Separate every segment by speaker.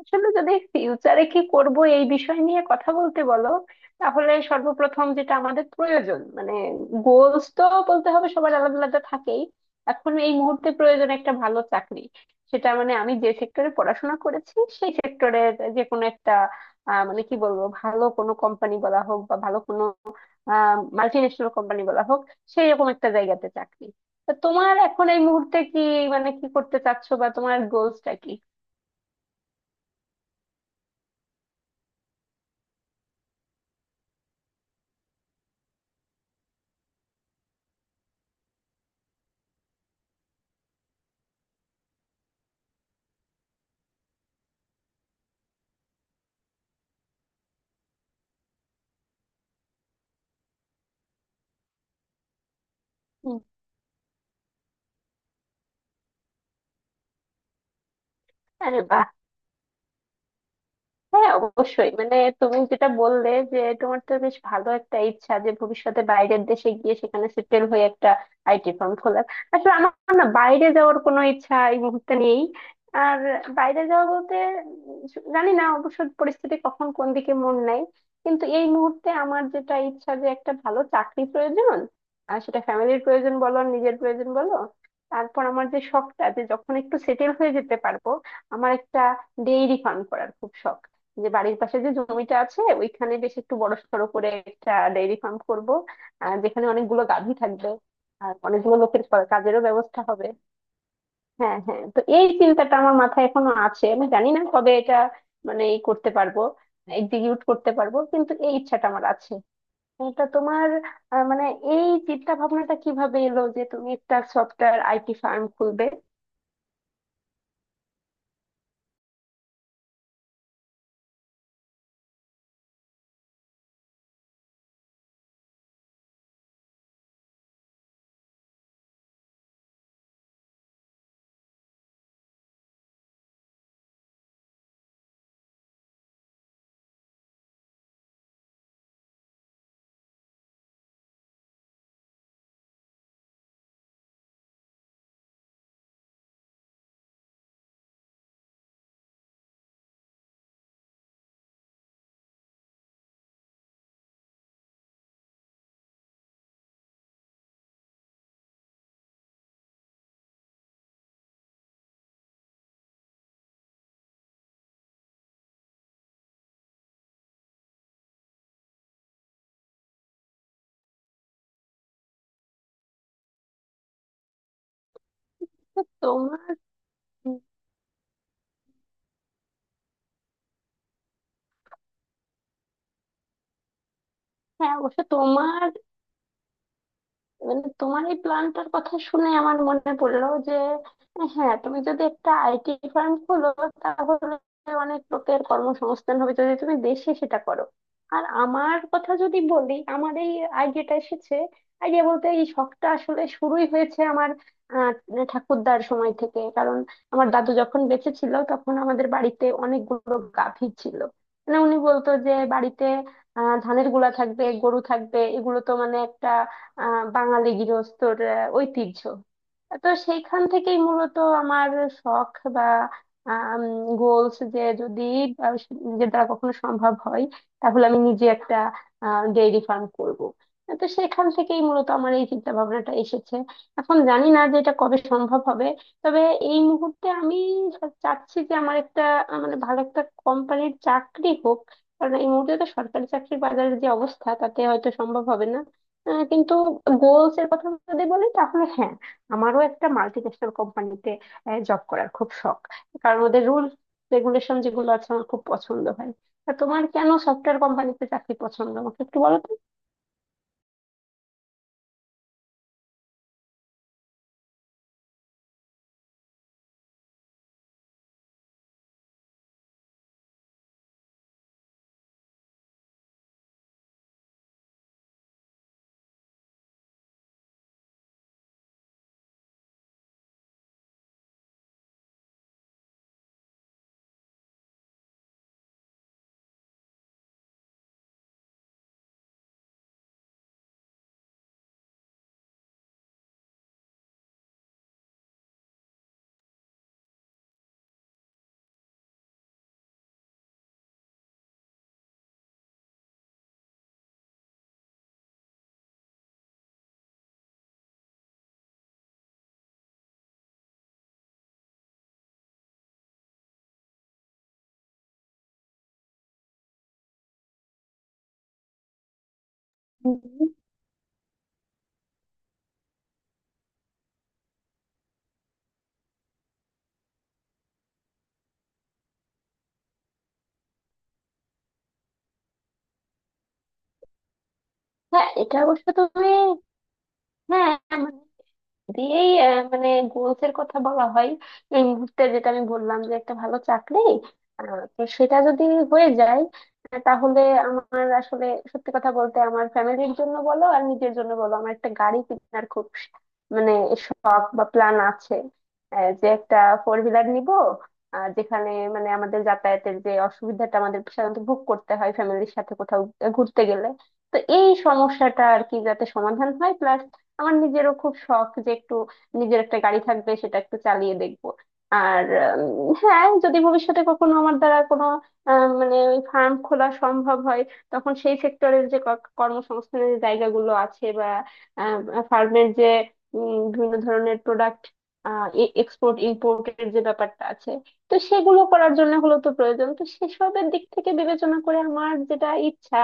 Speaker 1: আসলে যদি ফিউচারে কি করব এই বিষয় নিয়ে কথা বলতে বলো তাহলে সর্বপ্রথম যেটা আমাদের প্রয়োজন মানে গোলস তো বলতে হবে, সবার আলাদা আলাদা থাকেই। এখন এই মুহূর্তে প্রয়োজন একটা ভালো চাকরি, সেটা মানে আমি যে সেক্টরে পড়াশোনা করেছি সেই সেক্টরের যে কোনো একটা, মানে কি বলবো, ভালো কোনো কোম্পানি বলা হোক বা ভালো কোনো মাল্টি ন্যাশনাল কোম্পানি বলা হোক, সেই রকম একটা জায়গাতে চাকরি। তো তোমার এখন এই মুহূর্তে কি মানে কি করতে চাচ্ছো বা তোমার গোলসটা কি? হুম। আরে বাহ, হ্যাঁ অবশ্যই, মানে তুমি যেটা বললে যে তোমার তো বেশ ভালো একটা ইচ্ছা যে ভবিষ্যতে বাইরের দেশে গিয়ে সেখানে সেটেল হয়ে একটা আইটি ফার্ম খোলার। আসলে আমার না বাইরে যাওয়ার কোনো ইচ্ছা এই মুহূর্তে নেই। আর বাইরে যাওয়া বলতে, জানি না অবশ্য পরিস্থিতি কখন কোন দিকে মন নেয়, কিন্তু এই মুহূর্তে আমার যেটা ইচ্ছা যে একটা ভালো চাকরি প্রয়োজন। আর সেটা ফ্যামিলির প্রয়োজন বলো আর নিজের প্রয়োজন বলো। তারপর আমার যে শখটা যে যখন একটু সেটেল হয়ে যেতে পারবো, আমার একটা ডেইরি ফার্ম করার খুব শখ। যে বাড়ির পাশে যে জমিটা আছে ওইখানে বেশ একটু বড়সড় করে একটা ডেইরি ফার্ম করব, যেখানে অনেকগুলো গাভী থাকবে আর অনেকগুলো লোকের কা- কাজেরও ব্যবস্থা হবে। হ্যাঁ হ্যাঁ, তো এই চিন্তাটা আমার মাথায় এখনো আছে, আমি জানি না কবে এটা মানে ই করতে পারবো, এক্সিকিউট করতে পারবো, কিন্তু এই ইচ্ছাটা আমার আছে। এটা তোমার মানে এই চিন্তা ভাবনাটা কিভাবে এলো যে তুমি একটা সফটওয়্যার আইটি ফার্ম খুলবে? তোমার হ্যাঁ অবশ্য তোমার মানে তোমার এই প্ল্যানটার কথা শুনে আমার মনে পড়লো যে হ্যাঁ তুমি যদি একটা আইটি ফার্ম খোলো তাহলে অনেক লোকের কর্মসংস্থান হবে যদি তুমি দেশে সেটা করো। আর আমার কথা যদি বলি, আমার এই আইডিয়াটা এসেছে, আইডিয়া বলতে এই শখটা আসলে শুরুই হয়েছে আমার আহ ঠাকুরদার সময় থেকে। কারণ আমার দাদু যখন বেঁচে ছিল তখন আমাদের বাড়িতে অনেকগুলো গাভী ছিল, মানে উনি বলতো যে বাড়িতে ধানের গুলা থাকবে, গরু থাকবে, এগুলো তো মানে একটা বাঙালি গৃহস্থর ঐতিহ্য। তো সেইখান থেকেই মূলত আমার শখ বা গোলস যে যদি আহ, যে দ্বারা কখনো সম্ভব হয় তাহলে আমি নিজে একটা ডেইরি ফার্ম করব। তো সেখান থেকেই মূলত আমার এই চিন্তা ভাবনাটা এসেছে। এখন জানি না যে এটা কবে সম্ভব হবে, তবে এই মুহূর্তে আমি চাচ্ছি যে আমার একটা মানে ভালো একটা কোম্পানির চাকরি হোক। কারণ এই মুহূর্তে তো সরকারি চাকরির বাজারের যে অবস্থা তাতে হয়তো সম্ভব হবে না, কিন্তু গোলস এর কথা যদি বলি তাহলে হ্যাঁ, আমারও একটা মাল্টিন্যাশনাল কোম্পানিতে জব করার খুব শখ, কারণ ওদের রুল রেগুলেশন যেগুলো আছে আমার খুব পছন্দ হয়। তা তোমার কেন সফটওয়্যার কোম্পানিতে চাকরি পছন্দ আমাকে একটু বলো তো। হুম। হ্যাঁ এটা অবশ্য তুমি হ্যাঁ মানে দিয়েই মানে গোলস এর কথা বলা হয়। এই মুহূর্তে যেটা আমি বললাম যে একটা ভালো চাকরি, আহ, তো সেটা যদি হয়ে যায় তাহলে আমার আসলে সত্যি কথা বলতে আমার ফ্যামিলির জন্য বলো আর নিজের জন্য বলো আমার একটা গাড়ি কেনার খুব মানে শখ বা প্ল্যান আছে। যে একটা ফোর হুইলার নিব, যেখানে মানে আমাদের যাতায়াতের যে অসুবিধাটা আমাদের সাধারণত ভোগ করতে হয় ফ্যামিলির সাথে কোথাও ঘুরতে গেলে, তো এই সমস্যাটা আর কি যাতে সমাধান হয়, প্লাস আমার নিজেরও খুব শখ যে একটু নিজের একটা গাড়ি থাকবে সেটা একটু চালিয়ে দেখব। আর হ্যাঁ যদি ভবিষ্যতে কখনো আমার দ্বারা কোনো মানে ওই ফার্ম খোলা সম্ভব হয়, তখন সেই সেক্টরের যে ক- কর্মসংস্থানের যে জায়গাগুলো আছে বা ফার্মের যে বিভিন্ন ধরনের প্রোডাক্ট এক্সপোর্ট ইম্পোর্টের যে ব্যাপারটা আছে তো সেগুলো করার জন্য হলো তো প্রয়োজন, তো সেসবের দিক থেকে বিবেচনা করে আমার যেটা ইচ্ছা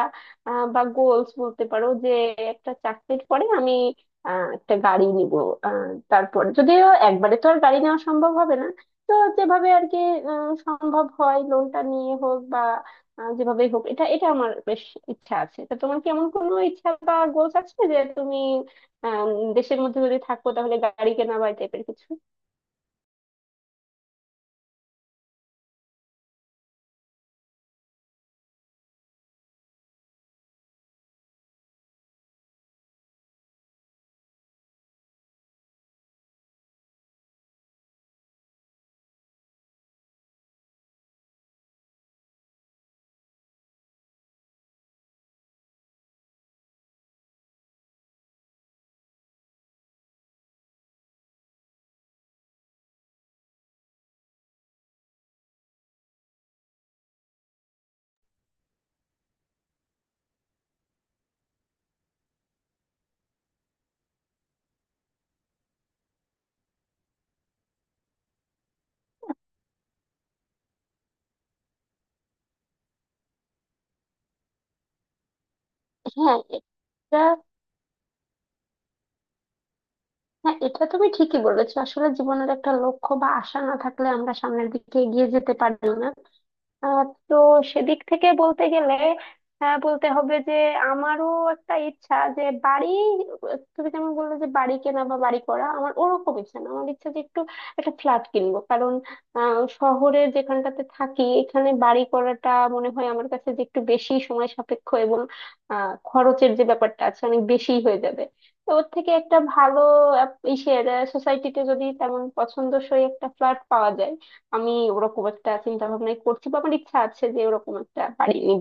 Speaker 1: বা গোলস বলতে পারো যে একটা চাকরির পরে আমি একটা গাড়ি নিব। আহ তারপর যদিও একবারে তো আর গাড়ি নেওয়া সম্ভব হবে না, তো যেভাবে আর কি সম্ভব হয়, লোনটা নিয়ে হোক বা যেভাবেই হোক, এটা এটা আমার বেশ ইচ্ছা আছে। তা তোমার কি এমন কোনো ইচ্ছা বা গোলস আছে যে তুমি আহ দেশের মধ্যে যদি থাকো তাহলে গাড়ি কেনা বা এই টাইপের কিছু? হ্যাঁ এটা হ্যাঁ এটা তুমি ঠিকই বলেছো, আসলে জীবনের একটা লক্ষ্য বা আশা না থাকলে আমরা সামনের দিকে এগিয়ে যেতে পারি না। আহ, তো সেদিক থেকে বলতে গেলে বলতে হবে যে আমারও একটা ইচ্ছা যে বাড়ি, তুমি যেমন বললে যে বাড়ি কেনা বা বাড়ি করা, আমার ওরকম ইচ্ছা না, আমার ইচ্ছা যে একটু একটা ফ্ল্যাট কিনবো। কারণ শহরে যেখানটাতে থাকি এখানে বাড়ি করাটা মনে হয় আমার কাছে যে একটু বেশি সময় সাপেক্ষ, এবং খরচের যে ব্যাপারটা আছে অনেক বেশি হয়ে যাবে। তো ওর থেকে একটা ভালো ইসের সোসাইটিতে যদি তেমন পছন্দসই একটা ফ্ল্যাট পাওয়া যায়, আমি ওরকম একটা চিন্তা ভাবনাই করছি, বা আমার ইচ্ছা আছে যে ওরকম একটা বাড়ি নিব,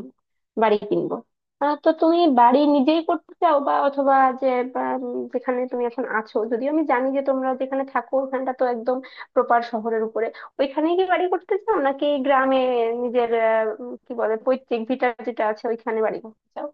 Speaker 1: বাড়ি কিনবো। তো তুমি বাড়ি নিজেই করতে চাও বা অথবা যে বা, যেখানে তুমি এখন আছো, যদিও আমি জানি যে তোমরা যেখানে থাকো ওখানটা তো একদম প্রপার শহরের উপরে, ওইখানেই কি বাড়ি করতে চাও নাকি গ্রামে নিজের কি বলে পৈতৃক ভিটা যেটা আছে ওইখানে বাড়ি করতে চাও?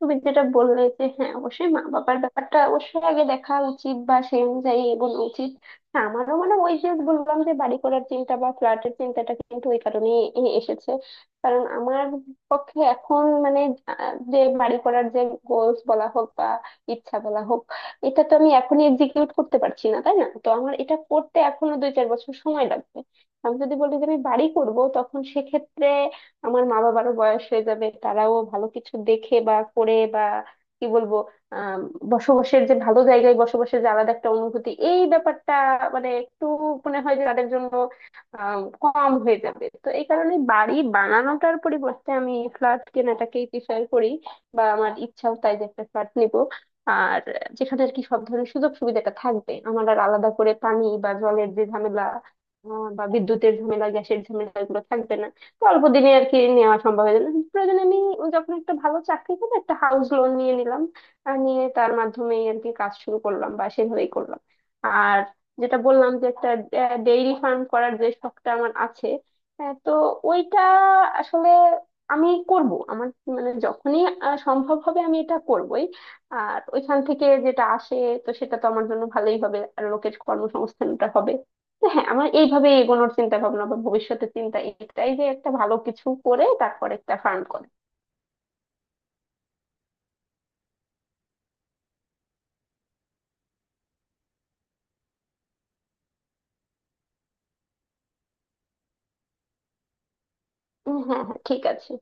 Speaker 1: তুমি যেটা বললে যে হ্যাঁ অবশ্যই মা বাবার ব্যাপারটা অবশ্যই আগে দেখা উচিত বা সেই অনুযায়ী এগোনো উচিত। হ্যাঁ, আমারও মানে ওই যে বললাম যে বাড়ি করার চিন্তা বা ফ্ল্যাটের চিন্তাটা কিন্তু ওই কারণেই এ- এসেছে। কারণ আমার পক্ষে এখন মানে যে বাড়ি করার যে গোলস বলা হোক বা ইচ্ছা বলা হোক, এটা তো আমি এখনই এক্সিকিউট করতে পারছি না তাই না, তো আমার এটা করতে এখনো দুই চার বছর সময় লাগবে। আমি যদি বলি যে আমি বাড়ি করব, তখন সেক্ষেত্রে আমার মা বাবারও বয়স হয়ে যাবে, তারাও ভালো কিছু দেখে বা করে বা কি বলবো আহ বসবাসের যে ভালো জায়গায় বসবাসের যে আলাদা একটা অনুভূতি এই ব্যাপারটা মানে একটু মনে হয় যে তাদের জন্য কম হয়ে যাবে। তো এই কারণে বাড়ি বানানোটার পরিবর্তে আমি ফ্ল্যাট কেনাটাকেই প্রিফার করি, বা আমার ইচ্ছাও তাই যে একটা ফ্ল্যাট নিব। আর যেখানে আর কি সব ধরনের সুযোগ সুবিধাটা থাকবে আমার, আর আলাদা করে পানি বা জলের যে ঝামেলা বা বিদ্যুতের ঝামেলা গ্যাসের ঝামেলা এগুলো থাকবে না, অল্প দিনে আর কি নেওয়া সম্ভব হয়ে গেল। প্রয়োজনে আমি যখন একটা ভালো চাকরি পেলে একটা হাউস লোন নিয়ে নিলাম, আর নিয়ে তার মাধ্যমেই আর কি কাজ শুরু করলাম বা সেভাবেই করলাম। আর যেটা বললাম যে একটা ডেইরি ফার্ম করার যে শখটা আমার আছে, হ্যাঁ, তো ওইটা আসলে আমি করব। আমার মানে যখনই সম্ভব হবে আমি এটা করবই, আর ওইখান থেকে যেটা আসে তো সেটা তো আমার জন্য ভালোই হবে আর লোকের কর্মসংস্থানটা হবে। তো হ্যাঁ আমার এইভাবে এগোনোর চিন্তা ভাবনা বা ভবিষ্যতের চিন্তা এটাই, যে একটা ভালো কিছু করে তারপর একটা ফার্ম করে। উম হ্যাঁ হ্যাঁ ঠিক আছে।